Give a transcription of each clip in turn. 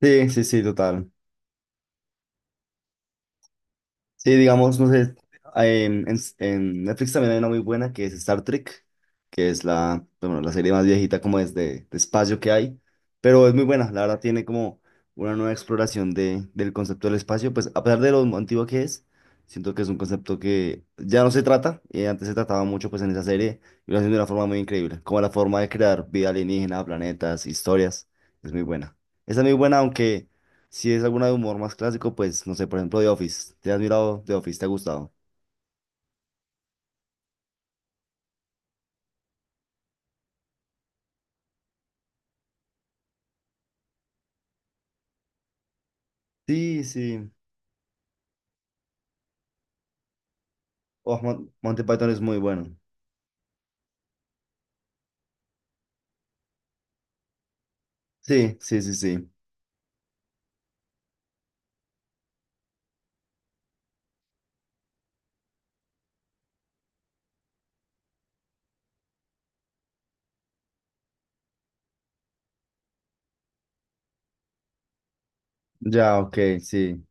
Sí, sí, sí, total. Sí, digamos, no sé, en Netflix también hay una muy buena que es Star Trek, que es la, bueno, la serie más viejita como es de espacio que hay, pero es muy buena, la verdad tiene como una nueva exploración del concepto del espacio, pues a pesar de lo antiguo que es, siento que es un concepto que ya no se trata, y antes se trataba mucho pues en esa serie, y lo hacen de una forma muy increíble, como la forma de crear vida alienígena, planetas, historias, es muy buena. Esa es muy buena, aunque... Si es alguna de humor más clásico, pues no sé, por ejemplo, The Office. ¿Te has mirado The Office? ¿Te ha gustado? Sí, sí. Oh, Monty Python es muy bueno. Sí, sí, sí, sí. Ya, ok, sí.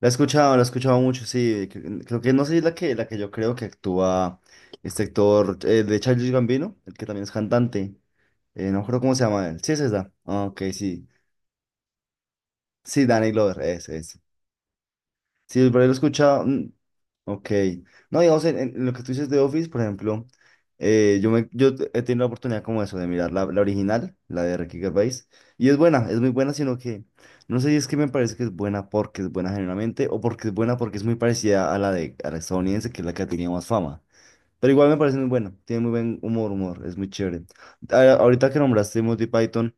La he escuchado mucho, sí. Creo que no sé si es la que yo creo que actúa este actor de Childish Gambino, el que también es cantante. No creo cómo se llama él. Sí, es esa. Ah, ok, sí. Sí, Danny Glover, es, es. Sí, por ahí lo he escuchado. Ok. No, digamos, en lo que tú dices de Office, por ejemplo, yo he tenido la oportunidad como eso, de mirar la, la original, la de Ricky Gervais, y es buena, es muy buena, sino que no sé si es que me parece que es buena porque es buena generalmente o porque es buena porque es muy parecida a la de a la estadounidense, que es la que ha tenido más fama. Pero igual me parece muy buena, tiene muy buen humor, humor, es muy chévere. Ahorita que nombraste Monty Python.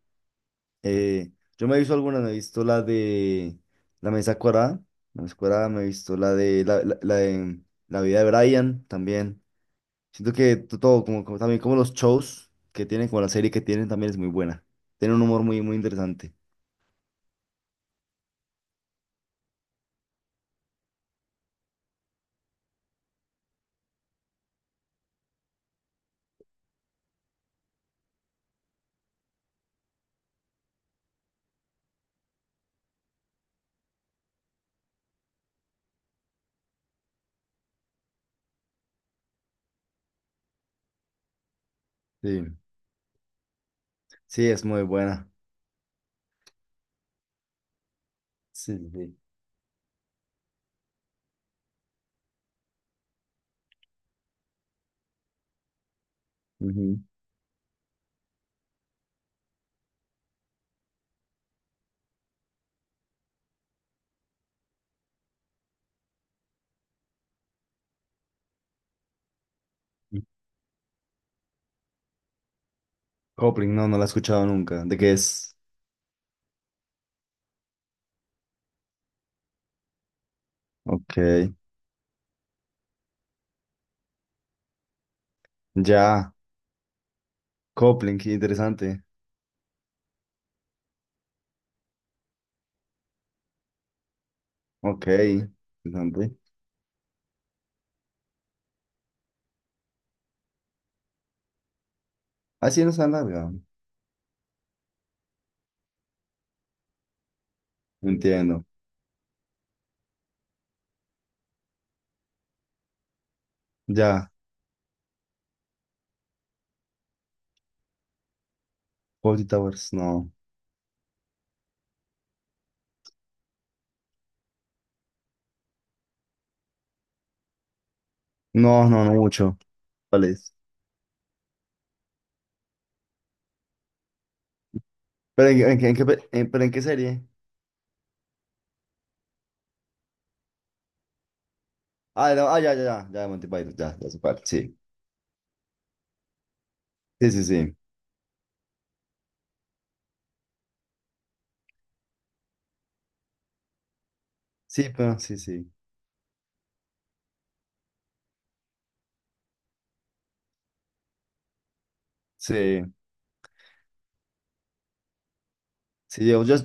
Eh, yo me he visto algunas, me he visto la de La Mesa Cuadrada, La Mesa Cuadrada, me he visto la de la de La Vida de Brian también. Siento que todo, como, como también como los shows que tienen, como la serie que tienen, también es muy buena. Tiene un humor muy, muy interesante. Sí, sí, es muy buena. Sí, sí. Ujú. Sí. Copling, no, no la he escuchado nunca. ¿De qué es? Ok, ya. Copling, qué interesante. Ok, interesante. Así no está larga. Entiendo. Ya. Fawlty Towers, no. No, no, no mucho. ¿Cuál es? ¿Pero en qué, pe- en- pero en qué serie? Ah, no, ah, ya, ya, ya, ya, Monty Python, ya, ya sé cuál, sí. Sí, sí, sí. Sí, pero sí, sí. Sí, sí,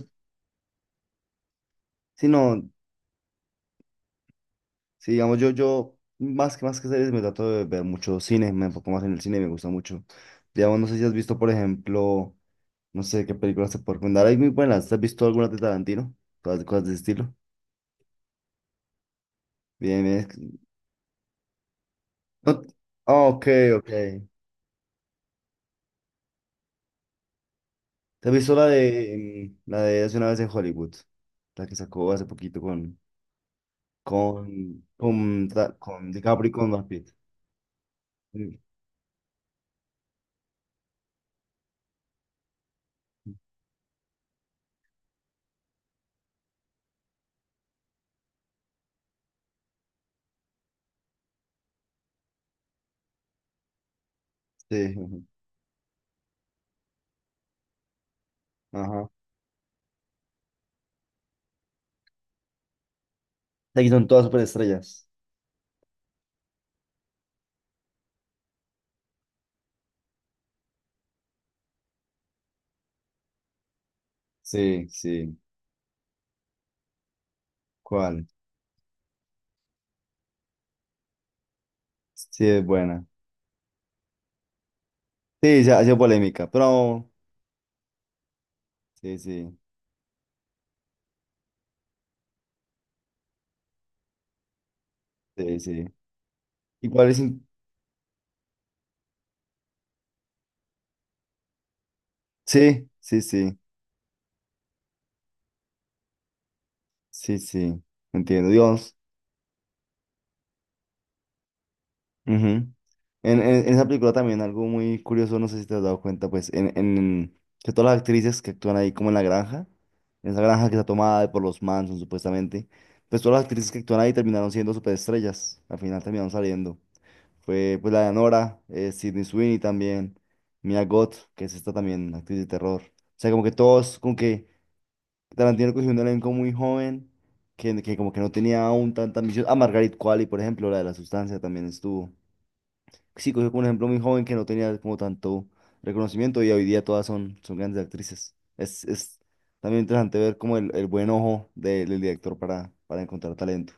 sí, no, sí, digamos, más que series, me trato de ver mucho cine, me enfoco más en el cine, me gusta mucho. Digamos, no sé si has visto, por ejemplo, no sé qué películas te puedo recomendar, hay muy buenas, ¿has visto algunas de Tarantino? Cosas, cosas de ese estilo. Bien, bien. No, ok, ok. ¿Te has visto la de la de hace una vez en Hollywood? La que sacó hace poquito con con DiCaprio y con Brad Pitt. Sí, sí, ajá. Ajá. Aquí son todas superestrellas. Sí, sí. ¿Cuál? Sí, es buena. Sí, se ha sido polémica, pero sí, sí, sí, sí. Igual es in- sí, sí, sí, sí, sí. Entiendo, Dios. Ujú. En esa película también algo muy curioso, no sé si te has dado cuenta, pues, en que todas las actrices que actúan ahí como en la granja, en esa granja que está tomada por los Manson supuestamente, pues todas las actrices que actúan ahí terminaron siendo superestrellas, al final terminaron saliendo. Fue pues la de Nora, Sydney Sweeney también, Mia Goth, que es esta también actriz de terror. O sea, como que todos, como que Tarantino cogió un elenco muy joven, que como que no tenía aún tanta ambición. Ah, Margaret Qualley, por ejemplo, la de la sustancia también estuvo. Sí, cogió como un ejemplo muy joven que no tenía como tanto reconocimiento y hoy día todas son, son grandes actrices. Es también interesante ver como el buen ojo del director para encontrar talento.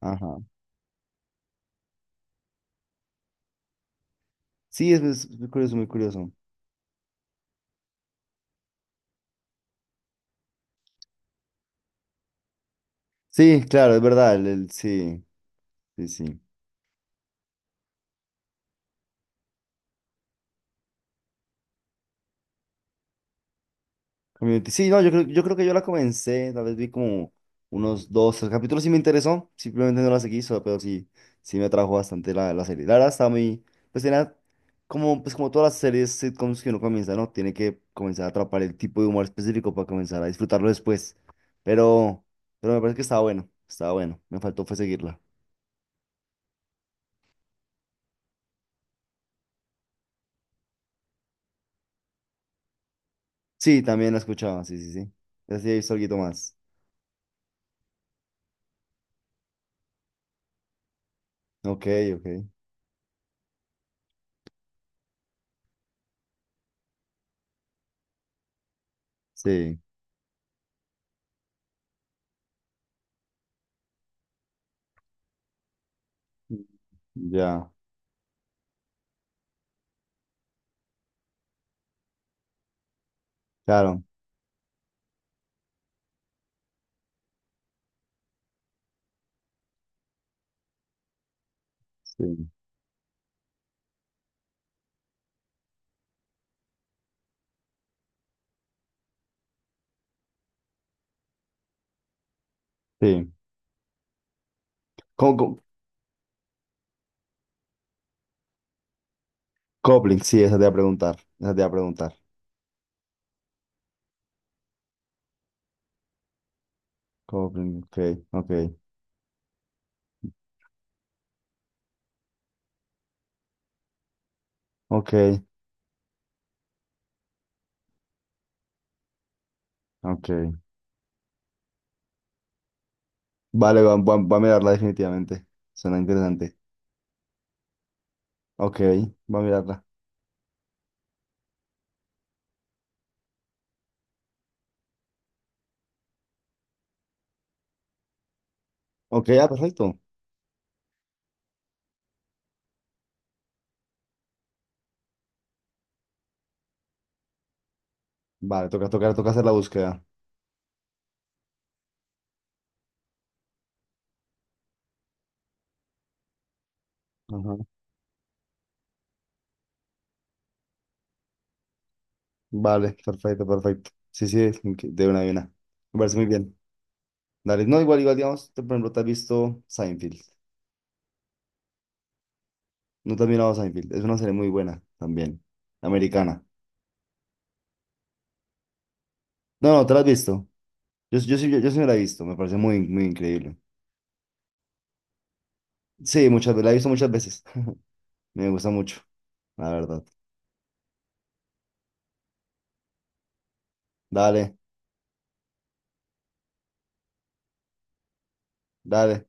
Ajá. Sí, es muy curioso, muy curioso. Sí, claro, es verdad, sí, sí, sí. Community. Sí, no, yo creo que yo la comencé, tal vez vi como unos dos, tres capítulos y me interesó, simplemente no la seguí, pero sí, sí me atrajo bastante la, la serie. La verdad estaba muy, pues tenía como, pues como todas las series sitcoms que uno comienza, ¿no? Tiene que comenzar a atrapar el tipo de humor específico para comenzar a disfrutarlo después. Pero, pero me parece que estaba bueno, me faltó fue seguirla. Sí, también la escuchaba, sí, sí, sí. Así he visto algo más. Ok, ok, sí, ya, claro, sí, sí. ¿Cómo, cómo- Coupling, sí, esa te iba a preguntar. Esa te iba a preguntar. Coupling, ok, ok, ok, ok. Vale, va a mirarla definitivamente. Suena interesante. Ok, va a mirarla. Ok, ah, perfecto. Vale, toca, toca, toca hacer la búsqueda. Ajá. Vale, perfecto, perfecto. Sí, sí, ok, de una a una. Me parece muy bien. Dale, no, igual, igual, digamos, tú, por ejemplo, te has visto Seinfeld. No te has mirado Seinfeld. Es una serie muy buena también, americana. No, no, te la has visto. Yo, yo sí me la he visto. Me parece muy, muy increíble. Sí, muchas veces, la he visto muchas veces. Me gusta mucho, la verdad. Dale, dale,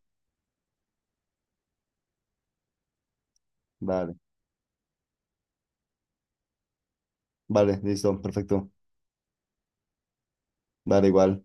dale, vale, listo, perfecto. Dale igual.